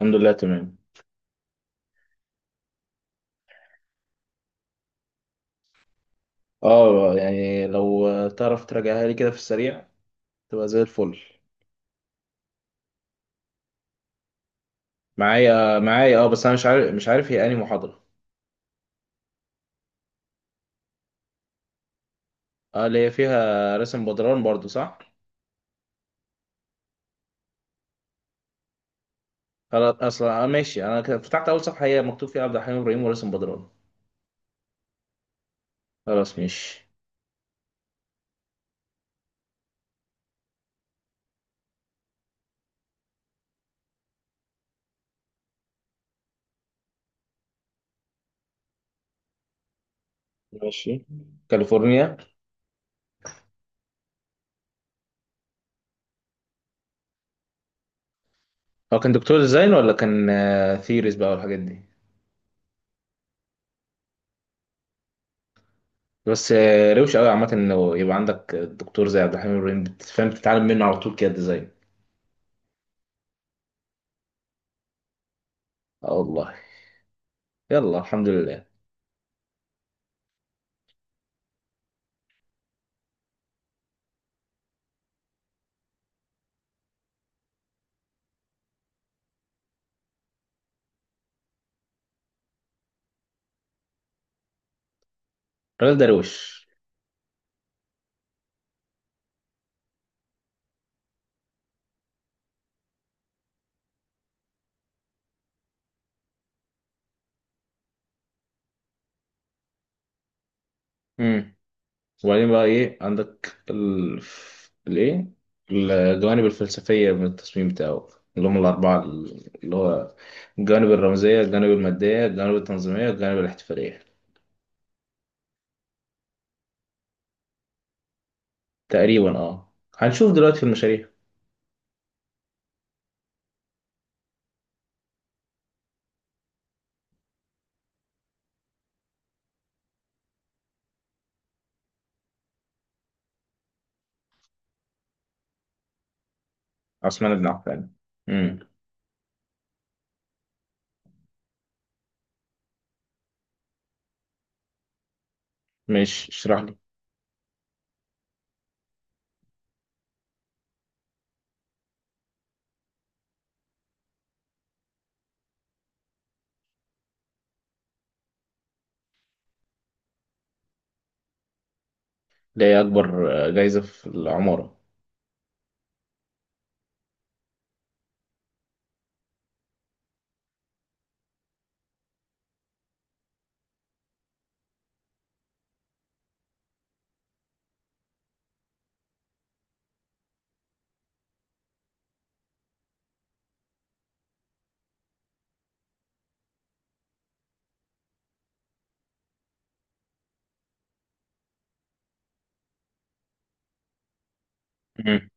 الحمد لله تمام. اه يعني لو تعرف تراجعها لي كده في السريع تبقى زي الفل. معايا اه بس انا مش عارف هي انهي محاضرة. اه اللي هي فيها رسم بدران برضو، صح؟ خلاص اصلا اه ماشي، انا كده فتحت اول صفحة هي مكتوب فيها عبد الحليم ابراهيم ورسم بدران. خلاص ماشي. ماشي. كاليفورنيا. هو كان دكتور ديزاين ولا كان ثيريز بقى والحاجات دي؟ بس روش قوي عامة انه يبقى عندك دكتور زي عبد الحليم ابراهيم، بتفهم تتعلم منه على طول كده ديزاين. اه والله. يلا الحمد لله. رئيس درويش. امم. وبعدين بقى ايه عندك الايه، الجوانب الفلسفية من التصميم بتاعه، اللي هم الأربعة، اللي هو الجوانب الرمزية، الجوانب المادية، الجوانب التنظيمية، الجوانب الاحتفالية. تقريبا اه، هنشوف دلوقتي في المشاريع. عثمان بن عفان. امم. ماشي اشرح لي. ده هي أكبر جايزة في العمارة. امم.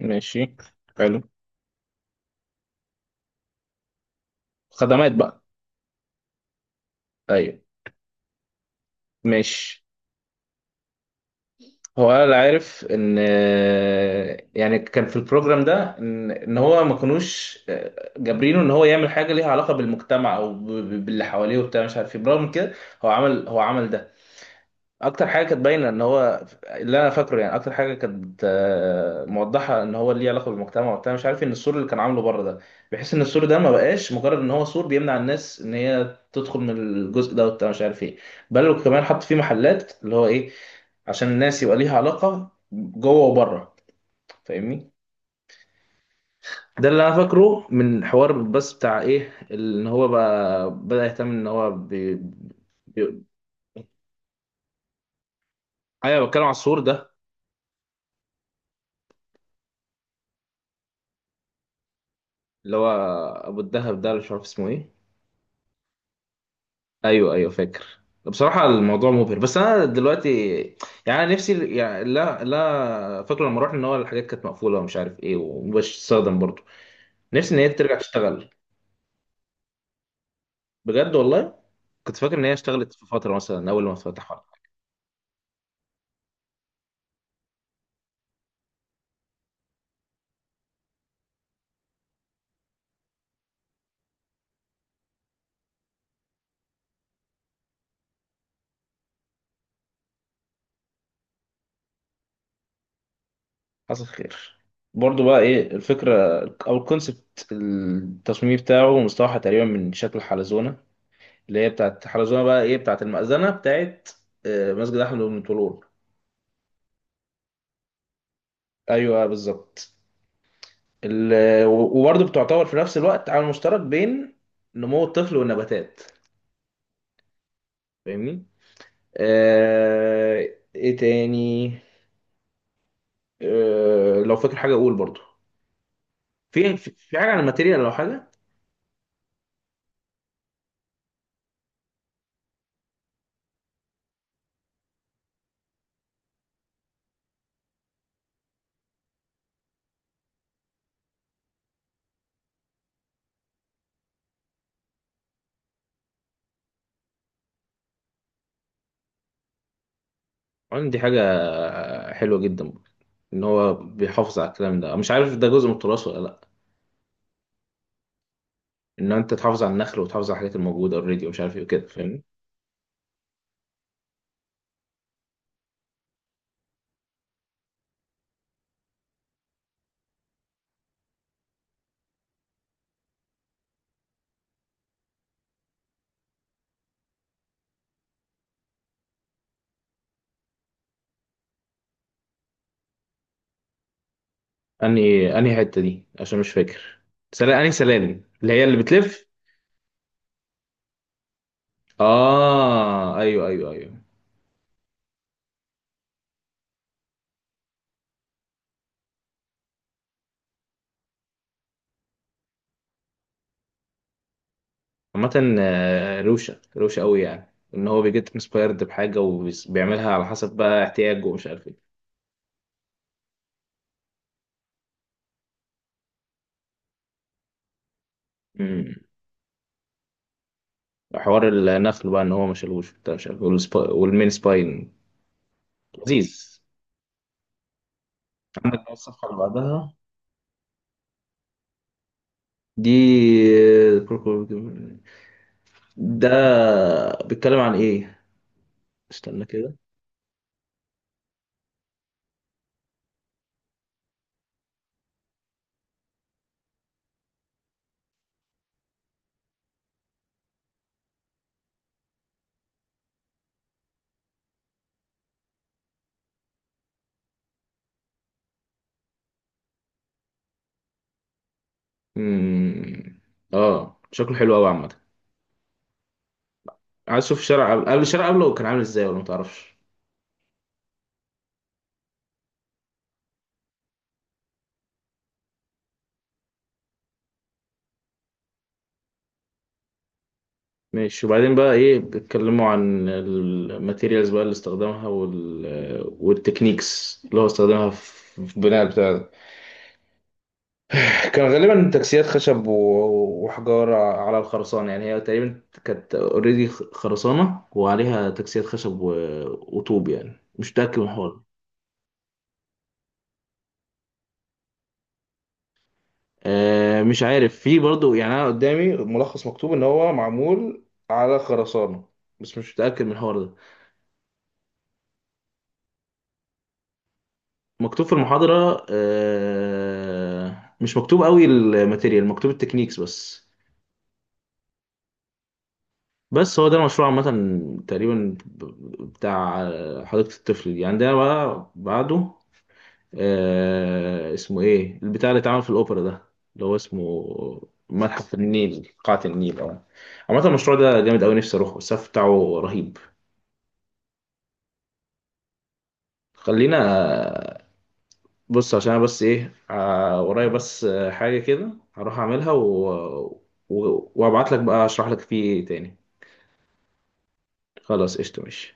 ماشي. حلو. خدمات بقى. أيوه. ماشي. هو انا اللي عارف ان، يعني كان في البروجرام ده ان إن هو ما كانوش جابرينه ان هو يعمل حاجه ليها علاقه بالمجتمع او باللي حواليه وبتاع مش عارف ايه، برغم كده هو عمل، هو عمل ده. اكتر حاجه كانت باينه ان هو اللي انا فاكره، يعني اكتر حاجه كانت موضحه ان هو ليه علاقه بالمجتمع وبتاع مش عارف إيه، ان السور اللي كان عامله بره ده، بحيث ان السور ده ما بقاش مجرد ان هو سور بيمنع الناس ان هي تدخل من الجزء ده وبتاع مش عارف ايه. بل وكمان حط فيه محلات اللي هو ايه، عشان الناس يبقى ليها علاقة جوه وبره. فاهمني؟ ده اللي انا فاكره من حوار، بس بتاع ايه ان هو بقى بدأ يهتم ان هو بي... ايوه بتكلم على السور ده. اللي هو ابو الدهب ده اللي مش عارف اسمه ايه. ايوه ايوه فاكر. بصراحة الموضوع مبهر، بس انا دلوقتي يعني أنا نفسي يعني، لا لا فاكره لما رحنا ان هو الحاجات كانت مقفولة ومش عارف ايه ومش تستخدم برضه. نفسي ان هي ترجع تشتغل. بجد والله، كنت فاكر ان هي اشتغلت في فترة مثلا اول ما اتفتح. حصل خير. برضو بقى ايه الفكرة او الكونسبت، التصميم بتاعه مستوحى تقريبا من شكل حلزونة، اللي هي بتاعت حلزونة بقى ايه بتاعت المأذنة بتاعت مسجد احمد بن طولون. ايوه بالظبط. وبرضو بتعتبر في نفس الوقت عامل مشترك بين نمو الطفل والنباتات. فاهمني؟ آه، ايه تاني؟ لو فاكر حاجة اقول برضو. في حاجة عن الماتيريال لو حاجة. عندي حاجة حلوة جدا برضه، إن هو بيحافظ على الكلام ده، مش عارف ده جزء من التراث ولا لأ. إن أنت تحافظ على النخل وتحافظ على الحاجات الموجودة أوريدي ومش عارف إيه وكده. فاهمني؟ أنهي أنهي حتة دي عشان مش فاكر سلالم؟ أنهي سلالم اللي هي اللي بتلف؟ آه أيوه أيوه أيوه. عامة روشة روشة أوي، يعني إن هو بيجيت انسبايرد بحاجة وبيعملها على حسب بقى احتياجه ومش عارف إيه. أمم. حوار النخل بقى إن هو ما شالوش وبتاع مش عارف إيه، والسبا- والمين سباين. لذيذ. عندك بقى الصفحة اللي بعدها. دي. ده بيتكلم عن ايه؟ استنى كده. مم. اه شكله حلو قوي عامة. عايز اشوف الشارع قبل، قبل الشارع قبله كان عامل ازاي ولا متعرفش؟ ماشي. وبعدين بقى ايه بيتكلموا عن الماتيريالز بقى اللي استخدمها والتكنيكس اللي هو استخدمها في في البناء بتاع. كان غالبا تكسيات خشب وحجارة على الخرسانة. يعني هي تقريبا كانت اوريدي خرسانة وعليها تكسيات خشب وطوب، يعني مش متأكد من الحوار. مش عارف في برضو. يعني أنا قدامي ملخص مكتوب إن هو معمول على خرسانة، بس مش متأكد من الحوار ده. مكتوب في المحاضرة مش مكتوب قوي الماتيريال، مكتوب التكنيكس بس. بس هو ده المشروع عامة، تقريبا بتاع حديقة الطفل دي. عندنا بقى بعده آه اسمه ايه البتاع اللي اتعمل في الاوبرا ده اللي هو اسمه؟ متحف النيل، قاعة النيل اه. عامة المشروع ده جامد أوي، نفسي أروحه، السقف بتاعه رهيب. خلينا، بص عشان أنا بس إيه ورايا بس حاجة كده هروح أعملها وأبعت لك بقى أشرح لك فيه تاني. خلاص قشطة ماشي.